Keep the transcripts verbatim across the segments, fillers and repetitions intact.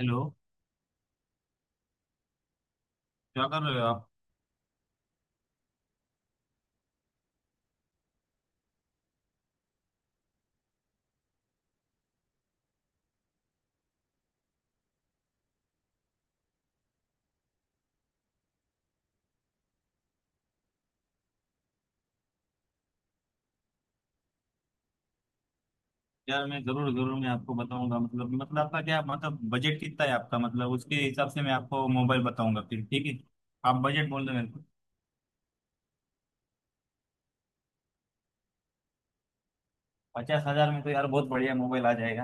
Hello. क्या कर रहे हो आप? यार मैं जरूर जरूर मैं आपको बताऊंगा। मतलब मतलब आपका क्या मतलब, बजट कितना है आपका? मतलब उसके हिसाब से मैं आपको मोबाइल बताऊंगा फिर, ठीक है? आप बजट बोल दो मेरे को। पचास हजार में तो यार बहुत बढ़िया मोबाइल आ जाएगा।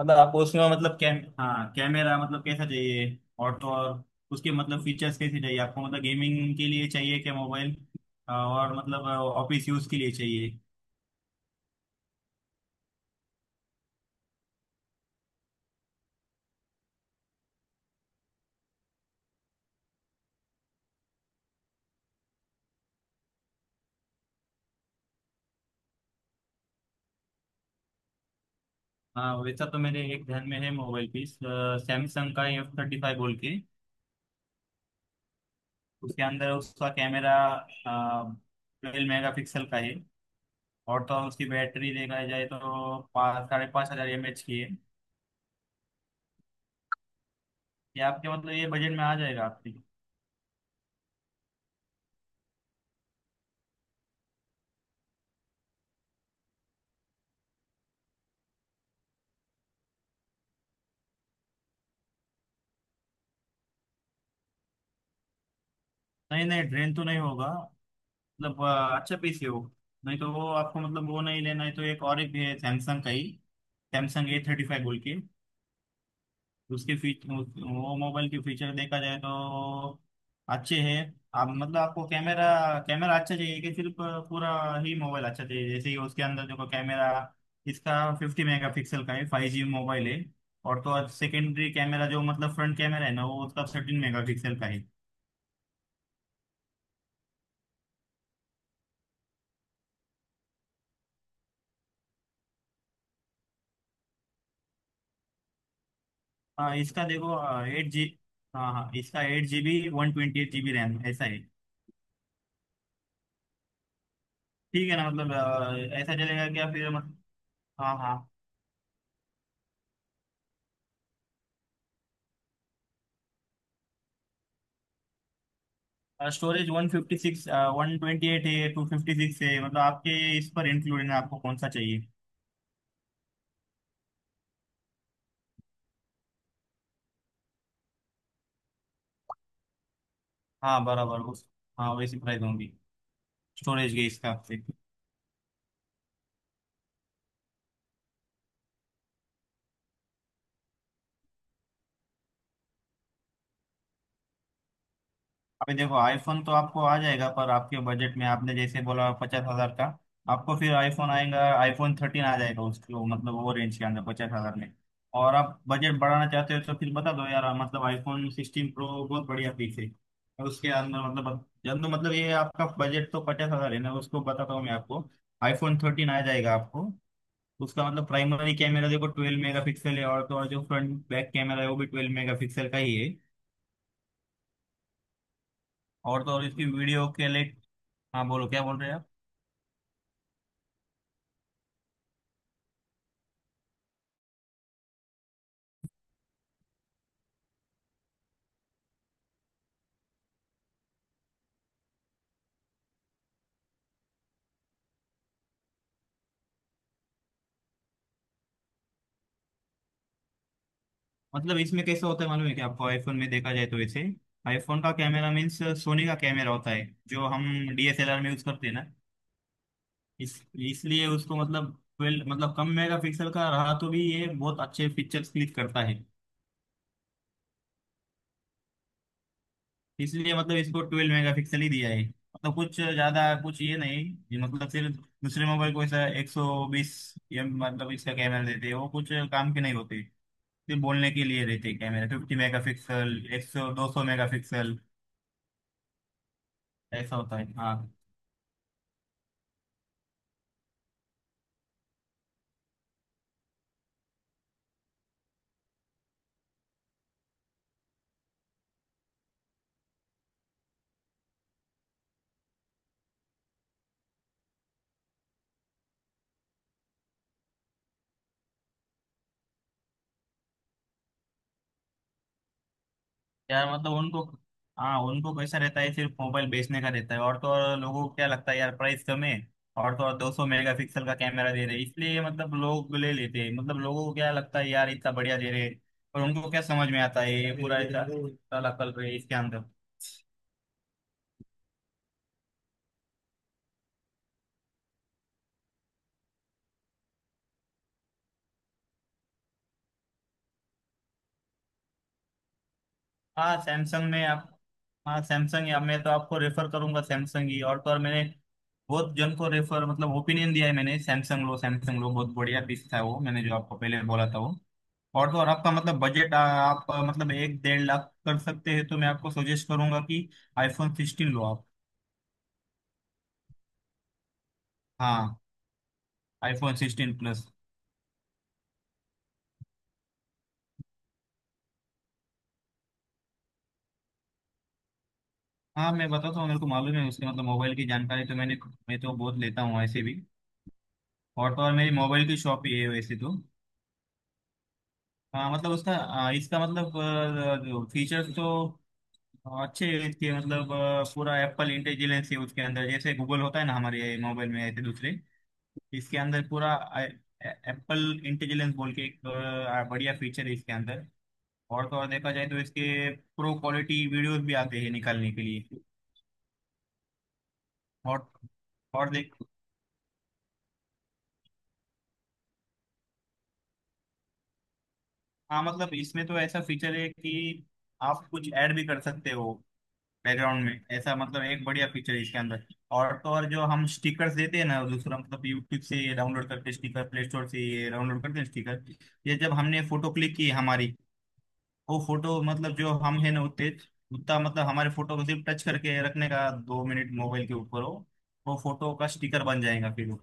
मतलब आपको उसमें मतलब कैम, हाँ, कैमरा मतलब कैसा चाहिए? और तो और उसके मतलब फीचर्स कैसे चाहिए आपको? मतलब गेमिंग के लिए चाहिए क्या मोबाइल, और मतलब ऑफिस यूज के लिए चाहिए? हाँ, वैसा तो मेरे एक ध्यान में है मोबाइल पीस, सैमसंग का एफ थर्टी फाइव बोल के। उसके अंदर उसका कैमरा ट्वेल्व मेगा पिक्सल का है। और तो और उसकी बैटरी देखा जाए तो पाँच साढ़े पाँच हज़ार एम एच की है। ये आपके मतलब ये बजट में आ जाएगा आपकी। नहीं नहीं, ड्रेन तो नहीं होगा। मतलब अ, अच्छा पीस है वो। नहीं तो वो आपको मतलब वो नहीं लेना है तो एक और एक भी है सैमसंग का ही, सैमसंग ए थर्टी फाइव बोल के। उसके फीच वो मोबाइल के फीचर देखा जाए तो अच्छे हैं। आप मतलब आपको कैमरा, कैमरा अच्छा चाहिए कि सिर्फ पूरा ही मोबाइल अच्छा चाहिए? जैसे ही उसके अंदर जो कैमरा, इसका फिफ्टी मेगापिक्सल का है, फाइव जी मोबाइल है। और तो और सेकेंडरी कैमरा जो मतलब फ्रंट कैमरा है ना, वो उसका थर्टीन मेगापिक्सल का है। हाँ इसका देखो एट जी, हाँ हाँ, इसका eight G B, one twenty eight G B RAM ऐसा है। ठीक है ना? मतलब अ, ऐसा चलेगा क्या फिर, मतलब? हाँ हाँ। Storage one fifty six, one twenty eight है, टू फिफ्टी सिक्स है, मतलब आपके इस पर इंक्लूडेड है, आपको कौन सा चाहिए? हाँ बराबर, उस, हाँ वैसी प्राइस होंगी स्टोरेज के हिसाब से। अभी देखो आईफोन तो आपको आ जाएगा, पर आपके बजट में आपने जैसे बोला पचास हजार का, आपको फिर आईफोन आएगा, आईफोन थर्टीन आ जाएगा उसको, मतलब वो रेंज के अंदर पचास हजार में। और आप बजट बढ़ाना चाहते हो तो फिर बता दो यार, मतलब आईफोन सिक्सटीन प्रो बहुत बढ़िया पीस है। और उसके अंदर मतलब, जब मतलब ये आपका बजट तो पचास हजार है ना, उसको बताता हूँ मैं आपको, आईफोन थर्टीन आ जाएगा आपको। उसका मतलब प्राइमरी कैमरा देखो ट्वेल्व मेगा पिक्सल है, और तो और जो फ्रंट बैक कैमरा है वो भी ट्वेल्व मेगा पिक्सल का ही है। और तो और इसकी वीडियो के लिए, हाँ बोलो, क्या बोल रहे हैं आप? मतलब इसमें कैसे होता है मालूम है कि आपको, आईफोन में देखा जाए तो वैसे आईफोन का कैमरा मीन्स सोनी का कैमरा होता है, जो हम डीएसएलआर में यूज करते हैं ना। इस इसलिए उसको मतलब ट्वेल्व, मतलब कम मेगापिक्सल का रहा तो भी ये बहुत अच्छे पिक्चर्स क्लिक करता है। इसलिए मतलब इसको ट्वेल्व मेगापिक्सल ही दिया है, मतलब कुछ ज्यादा कुछ ये नहीं। ये मतलब सिर्फ दूसरे मोबाइल को ऐसा एक सौ बीस एम मतलब इसका कैमरा देते हैं, वो कुछ काम के नहीं होते, सिर्फ बोलने के लिए रहते हैं कैमरा फिफ्टी मेगापिक्सल, एक सौ दो सौ मेगापिक्सल ऐसा होता है। हाँ, यार मतलब उनको, हाँ उनको कैसा रहता है, सिर्फ मोबाइल बेचने का रहता है। और तो और लोगों को क्या लगता है यार, प्राइस कम है और तो और दो सौ मेगापिक्सल का कैमरा दे रहे हैं, इसलिए मतलब लोग ले लेते हैं। मतलब लोगों को क्या लगता है यार, इतना बढ़िया दे रहे हैं, और उनको क्या समझ में आता है, ये पूरा इतना इतना नकल रहे इसके अंदर। हाँ सैमसंग में आप, हाँ सैमसंग, या मैं तो आपको रेफर करूंगा सैमसंग ही। और तो और मैंने बहुत जन को रेफर मतलब ओपिनियन दिया है मैंने, सैमसंग लो सैमसंग लो, बहुत बढ़िया पीस था वो मैंने जो आपको पहले बोला था वो। और तो और आपका मतलब बजट आप आ, मतलब एक डेढ़ लाख कर सकते हैं तो मैं आपको सजेस्ट करूंगा कि आईफोन सिक्सटीन लो आप। हाँ, आईफोन सिक्सटीन प्लस। हाँ मैं बताता हूँ मेरे को मालूम है उसके, मतलब मोबाइल की जानकारी तो मैंने, मैं तो बहुत लेता हूँ ऐसे भी। और तो और मेरी मोबाइल की शॉप ही है वैसे तो। हाँ मतलब उसका आ, इसका मतलब फीचर्स तो हाँ, अच्छे, इसके मतलब अ, पूरा एप्पल इंटेलिजेंस है उसके अंदर, जैसे गूगल होता है ना हमारे मोबाइल में ऐसे दूसरे। इसके अंदर पूरा एप्पल इंटेलिजेंस बोल के एक अ, बढ़िया फीचर है इसके अंदर। और तो और देखा जाए तो इसके प्रो क्वालिटी वीडियोस भी आते हैं निकालने के लिए। और और देख, हाँ मतलब इसमें तो ऐसा फीचर है कि आप कुछ ऐड भी कर सकते हो बैकग्राउंड में, ऐसा मतलब एक बढ़िया फीचर है इसके अंदर। और तो और जो हम स्टिकर्स देते हैं ना दूसरा, मतलब यूट्यूब से ये डाउनलोड करके स्टिकर, प्ले स्टोर से ये डाउनलोड करते हैं स्टिकर, ये जब हमने फोटो क्लिक की हमारी, वो फोटो मतलब जो हम है ना उतने, उतना मतलब हमारे फोटो को सिर्फ टच करके रखने का दो मिनट मोबाइल के ऊपर हो, वो फोटो का स्टिकर बन जाएगा फिर वो।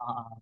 हाँ।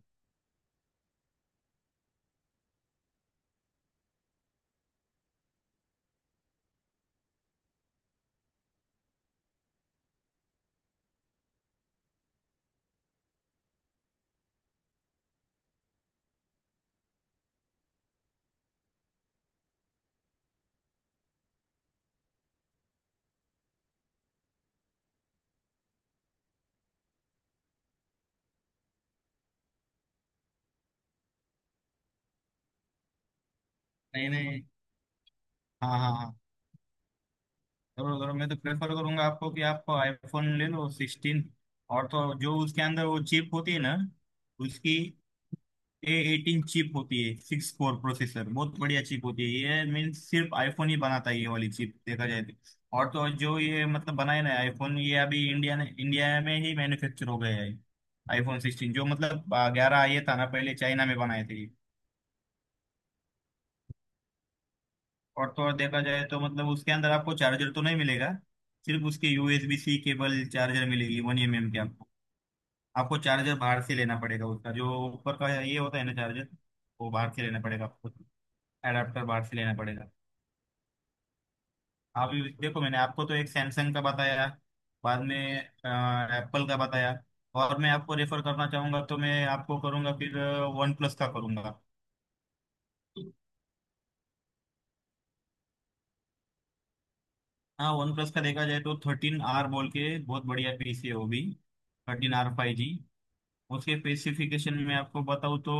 नहीं नहीं, हाँ हाँ हाँ, जरूर जरूर मैं तो प्रेफर करूंगा आपको कि आप आईफोन ले लो सिक्सटीन। और तो जो उसके अंदर वो चिप होती है ना उसकी, ए एटीन चिप होती है, सिक्स कोर प्रोसेसर, बहुत बढ़िया चिप होती है। ये मीन्स सिर्फ आईफोन ही बनाता है ये वाली चिप देखा जाए तो। और तो और जो ये मतलब बनाए ना आईफोन, ये अभी इंडिया ने इंडिया में ही मैन्युफैक्चर हो गया है, आईफोन सिक्सटीन जो, मतलब ग्यारह ये था ना पहले चाइना में बनाए थे ये। और तो और देखा जाए तो मतलब उसके अंदर आपको चार्जर तो नहीं मिलेगा, सिर्फ उसके यूएसबी सी केबल चार्जर मिलेगी वन एम एम के आपको। आपको चार्जर बाहर से लेना पड़ेगा, उसका जो ऊपर का ये होता है ना चार्जर, वो बाहर से लेना पड़ेगा आपको, एडाप्टर बाहर से लेना पड़ेगा। अभी देखो मैंने आपको तो एक सैमसंग का बताया, बाद में एप्पल का बताया, और मैं आपको रेफर करना चाहूंगा तो मैं आपको करूंगा फिर वन प्लस का करूंगा। हाँ वन प्लस का देखा जाए तो थर्टीन आर बोल के बहुत बढ़िया पीसी है वो भी, थर्टीन आर फाइव जी। उसके स्पेसिफिकेशन में आपको बताऊँ तो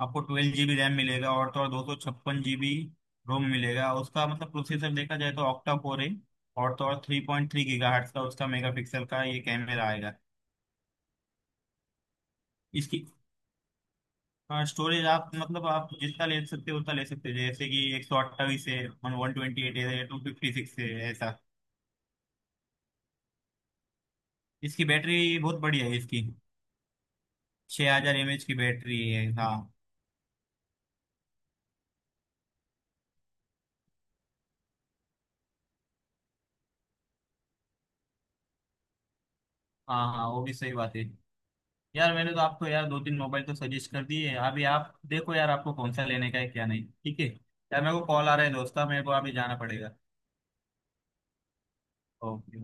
आपको ट्वेल्व जीबी रैम मिलेगा, और तो और दो सौ छप्पन जीबी रोम मिलेगा, उसका मतलब प्रोसेसर देखा जाए तो ऑक्टा कोर है, और तो और थ्री पॉइंट थ्री गीगा का उसका मेगापिक्सल का ये कैमरा आएगा। इसकी हाँ स्टोरेज आप मतलब आप जितना ले सकते हो उतना ले सकते हो, जैसे कि एक सौ अट्ठाईस है, वन ट्वेंटी एट है, टू फिफ्टी सिक्स है ऐसा। इसकी बैटरी बहुत बढ़िया है इसकी, छः हजार एम एच की बैटरी है हाँ। हाँ हाँ वो भी सही बात है। यार मैंने तो आपको यार दो तीन मोबाइल तो सजेस्ट कर दिए हैं, अभी आप देखो यार आपको कौन सा लेने का है क्या नहीं, ठीक है यार, मेरे को कॉल आ रहा है दोस्ता, मेरे को अभी जाना पड़ेगा। ओके।